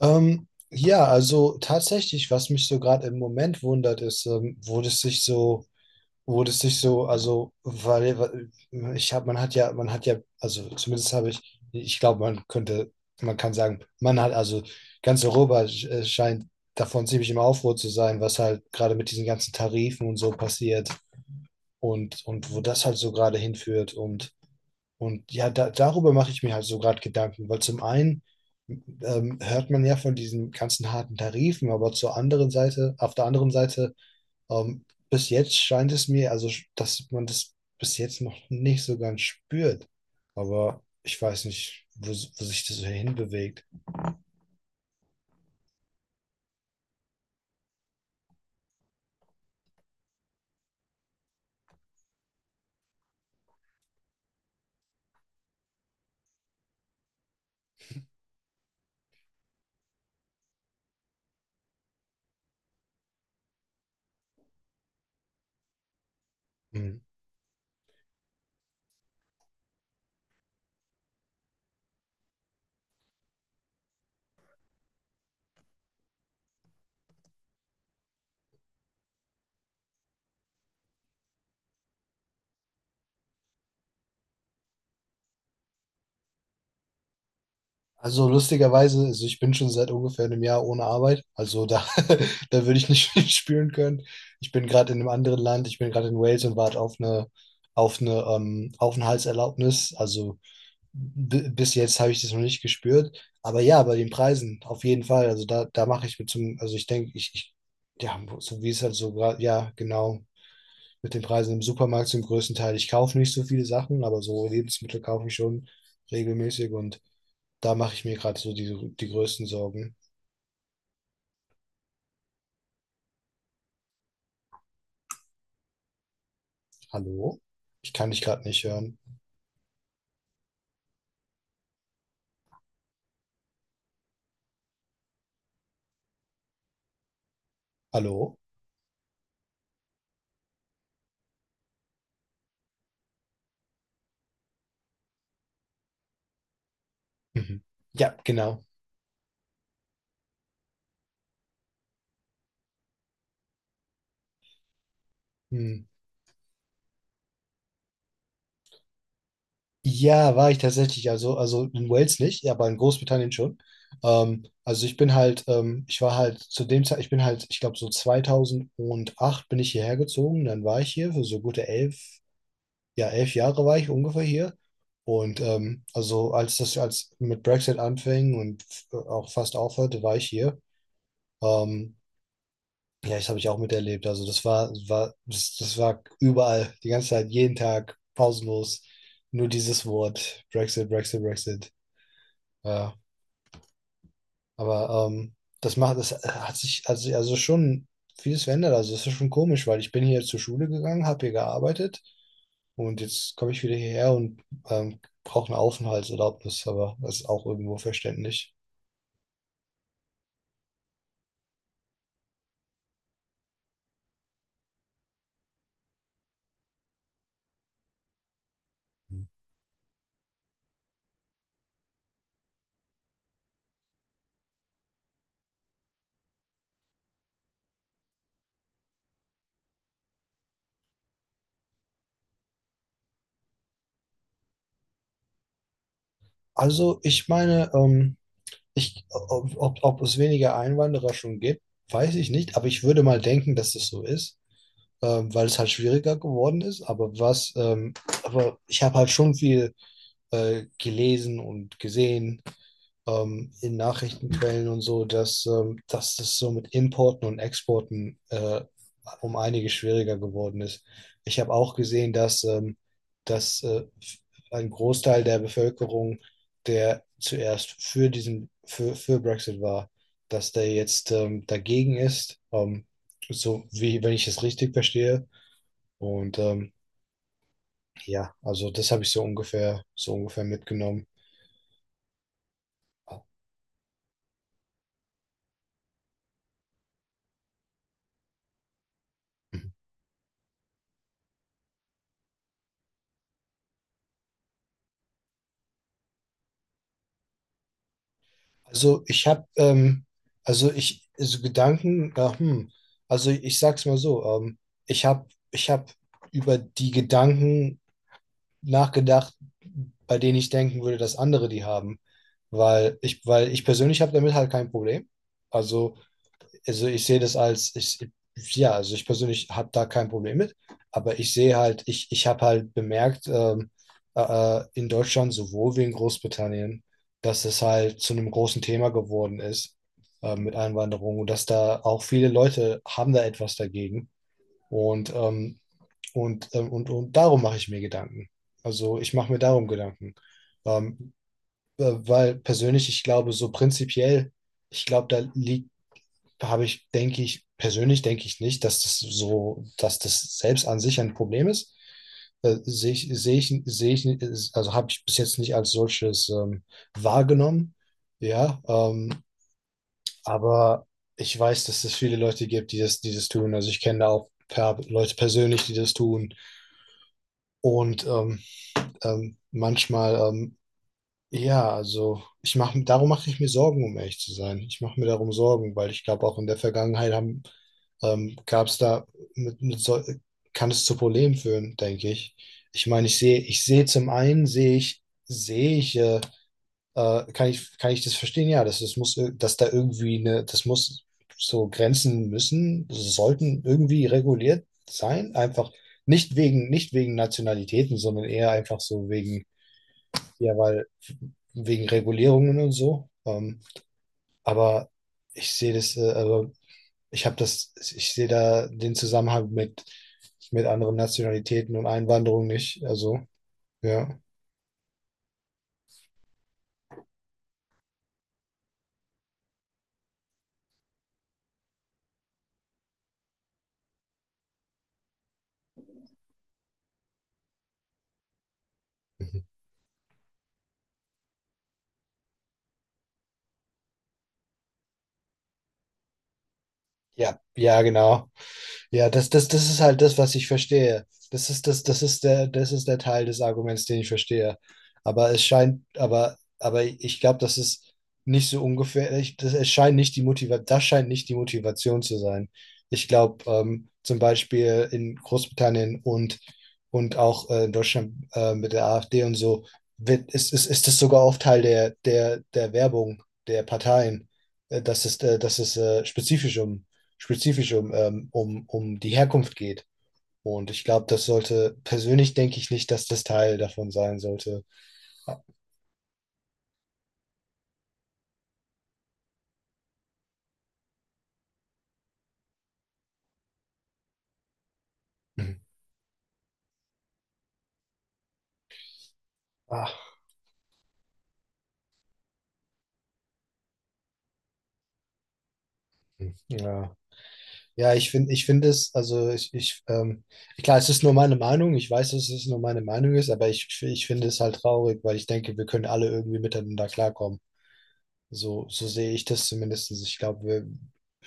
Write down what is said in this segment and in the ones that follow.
Ja, also tatsächlich, was mich so gerade im Moment wundert, ist, wo das sich so, also, weil man hat ja, also zumindest habe ich, glaube, man kann sagen, man hat, also ganz Europa scheint davon ziemlich im Aufruhr zu sein, was halt gerade mit diesen ganzen Tarifen und so passiert und wo das halt so gerade hinführt und ja, darüber mache ich mir halt so gerade Gedanken, weil zum einen hört man ja von diesen ganzen harten Tarifen, aber auf der anderen Seite, ähm, bis jetzt scheint es mir, also dass man das bis jetzt noch nicht so ganz spürt. Aber ich weiß nicht, wo sich das so hinbewegt. Hm. Also lustigerweise, also ich bin schon seit ungefähr einem Jahr ohne Arbeit. Also da, da würde ich nicht viel spüren können. Ich bin gerade in einem anderen Land, ich bin gerade in Wales und warte auf eine Aufenthaltserlaubnis. Also bis jetzt habe ich das noch nicht gespürt. Aber ja, bei den Preisen, auf jeden Fall. Also da mache ich mir zum, also ich denke, ich, ja, so wie es halt so gerade, ja, genau, mit den Preisen im Supermarkt zum größten Teil. Ich kaufe nicht so viele Sachen, aber so Lebensmittel kaufe ich schon regelmäßig und da mache ich mir gerade so die größten Sorgen. Hallo? Ich kann dich gerade nicht hören. Hallo? Mhm. Ja, genau. Hm. Ja, war ich tatsächlich. Also in Wales nicht, ja, aber in Großbritannien schon. Also ich bin halt, ich war halt zu dem Zeit, ich bin halt, ich glaube so 2008 bin ich hierher gezogen. Dann war ich hier für so ja, elf Jahre war ich ungefähr hier. Und also als mit Brexit anfing und auch fast aufhörte, war ich hier. Ähm, Ja, das habe ich auch miterlebt. Also das war überall, die ganze Zeit, jeden Tag, pausenlos. Nur dieses Wort, Brexit, Brexit, Brexit. Ja, aber das hat sich also schon vieles verändert. Also das ist schon komisch, weil ich bin hier zur Schule gegangen, habe hier gearbeitet und jetzt komme ich wieder hierher und brauche eine Aufenthaltserlaubnis, aber das ist auch irgendwo verständlich. Also ich meine, ob es weniger Einwanderer schon gibt, weiß ich nicht, aber ich würde mal denken, dass das so ist, weil es halt schwieriger geworden ist. Aber ich habe halt schon viel gelesen und gesehen in Nachrichtenquellen und so, dass das so mit Importen und Exporten um einiges schwieriger geworden ist. Ich habe auch gesehen, dass ein Großteil der Bevölkerung, der zuerst für für Brexit war, dass der jetzt dagegen ist, so wie wenn ich es richtig verstehe. Und ja, also das habe ich so ungefähr mitgenommen. Also ich habe, also ich, so Gedanken, ja, hm, also ich sag's mal so, ich habe über die Gedanken nachgedacht, bei denen ich denken würde, dass andere die haben, weil ich persönlich habe damit halt kein Problem. Also also ich sehe das als, ich, ja, also ich persönlich habe da kein Problem mit, aber ich sehe halt, ich habe halt bemerkt, äh, in Deutschland sowohl wie in Großbritannien, dass es halt zu einem großen Thema geworden ist mit Einwanderung und dass da auch viele Leute haben da etwas dagegen. Und, ähm, und, und darum mache ich mir Gedanken. Also ich mache mir darum Gedanken. Ähm, weil persönlich, ich glaube, so prinzipiell, ich glaube, da liegt da habe ich, denke ich, persönlich denke ich nicht, dass das selbst an sich ein Problem ist. Sehe ich nicht, also habe ich bis jetzt nicht als solches wahrgenommen. Ja, aber ich weiß, dass es viele Leute gibt, die das tun. Also ich kenne da auch Leute persönlich, die das tun. Und manchmal ja, darum mache ich mir Sorgen, um ehrlich zu sein. Ich mache mir darum Sorgen, weil ich glaube, auch in der Vergangenheit gab es da, mit, mit so, kann es zu Problemen führen, denke ich. Ich sehe zum einen, sehe ich, kann ich, kann ich das verstehen? Ja, dass da irgendwie eine, das muss so Grenzen müssen, sollten irgendwie reguliert sein, einfach nicht wegen, nicht wegen Nationalitäten, sondern eher einfach so wegen ja, weil wegen Regulierungen und so. Aber ich sehe das, also ich sehe da den Zusammenhang mit anderen Nationalitäten und Einwanderung nicht. Also, ja. Mhm. Ja, ja, genau. Ja, das ist halt das, was ich verstehe. Das ist das, das ist der Teil des Arguments, den ich verstehe. Aber ich glaube, das ist nicht so ungefährlich das, es scheint nicht die das scheint nicht die Motivation zu sein. Ich glaube, zum Beispiel in Großbritannien und auch in Deutschland mit der AfD und so, ist das sogar oft Teil der Werbung der Parteien, dass es spezifisch um, um die Herkunft geht. Und ich glaube, persönlich denke ich nicht, dass das Teil davon sein sollte. Ach, ja. Ja, ich finde es, klar, es ist nur meine Meinung, ich weiß, dass es nur meine Meinung ist, aber ich finde es halt traurig, weil ich denke, wir können alle irgendwie miteinander klarkommen. So, so sehe ich das zumindest. Ich glaube, wir,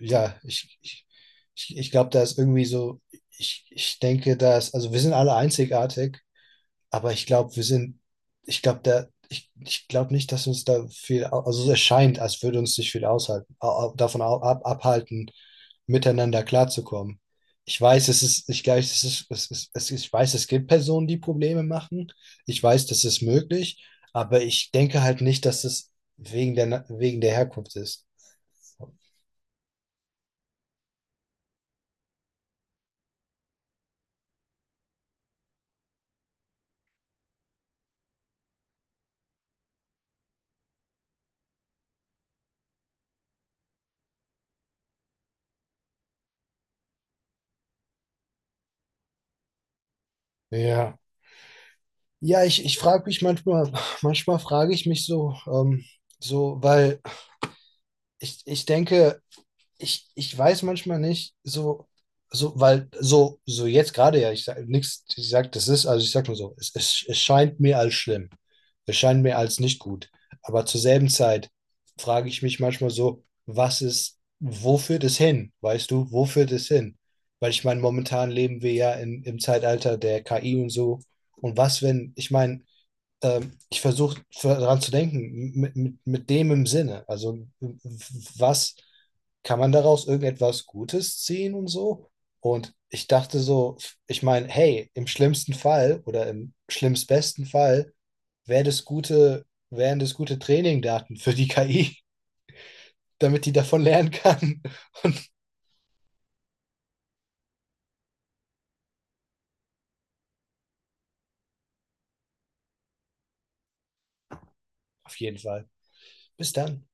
ja, ich glaube, da ist irgendwie so, ich denke, also wir sind alle einzigartig. Aber ich glaube, wir sind, ich glaube, da, ich glaube nicht, dass uns da viel, also es erscheint, als würde uns nicht viel aushalten, davon abhalten, miteinander klarzukommen. Ich weiß, es ist, ich glaube, es ist, ich weiß, es gibt Personen, die Probleme machen. Ich weiß, das ist möglich, aber ich denke halt nicht, dass es wegen wegen der Herkunft ist. Ja. Ja, ich frage mich manchmal, manchmal frage ich mich so, so, weil ich denke, ich weiß manchmal nicht, so jetzt gerade ja, ich sage nichts, ich sage, das ist, also ich sage nur so, es scheint mir als schlimm. Es scheint mir als nicht gut. Aber zur selben Zeit frage ich mich manchmal so, was ist, wo führt es hin? Weißt du, wo führt es hin? Weil ich meine, momentan leben wir im Zeitalter der KI und so. Und was, wenn, ich meine, ich versuche daran zu denken, mit dem im Sinne. Also, was kann man daraus irgendetwas Gutes ziehen und so? Und ich dachte so, ich meine, hey, im schlimmsten Fall oder im schlimmstbesten Fall wären das gute Trainingdaten für die KI, damit die davon lernen kann. Auf jeden Fall. Bis dann.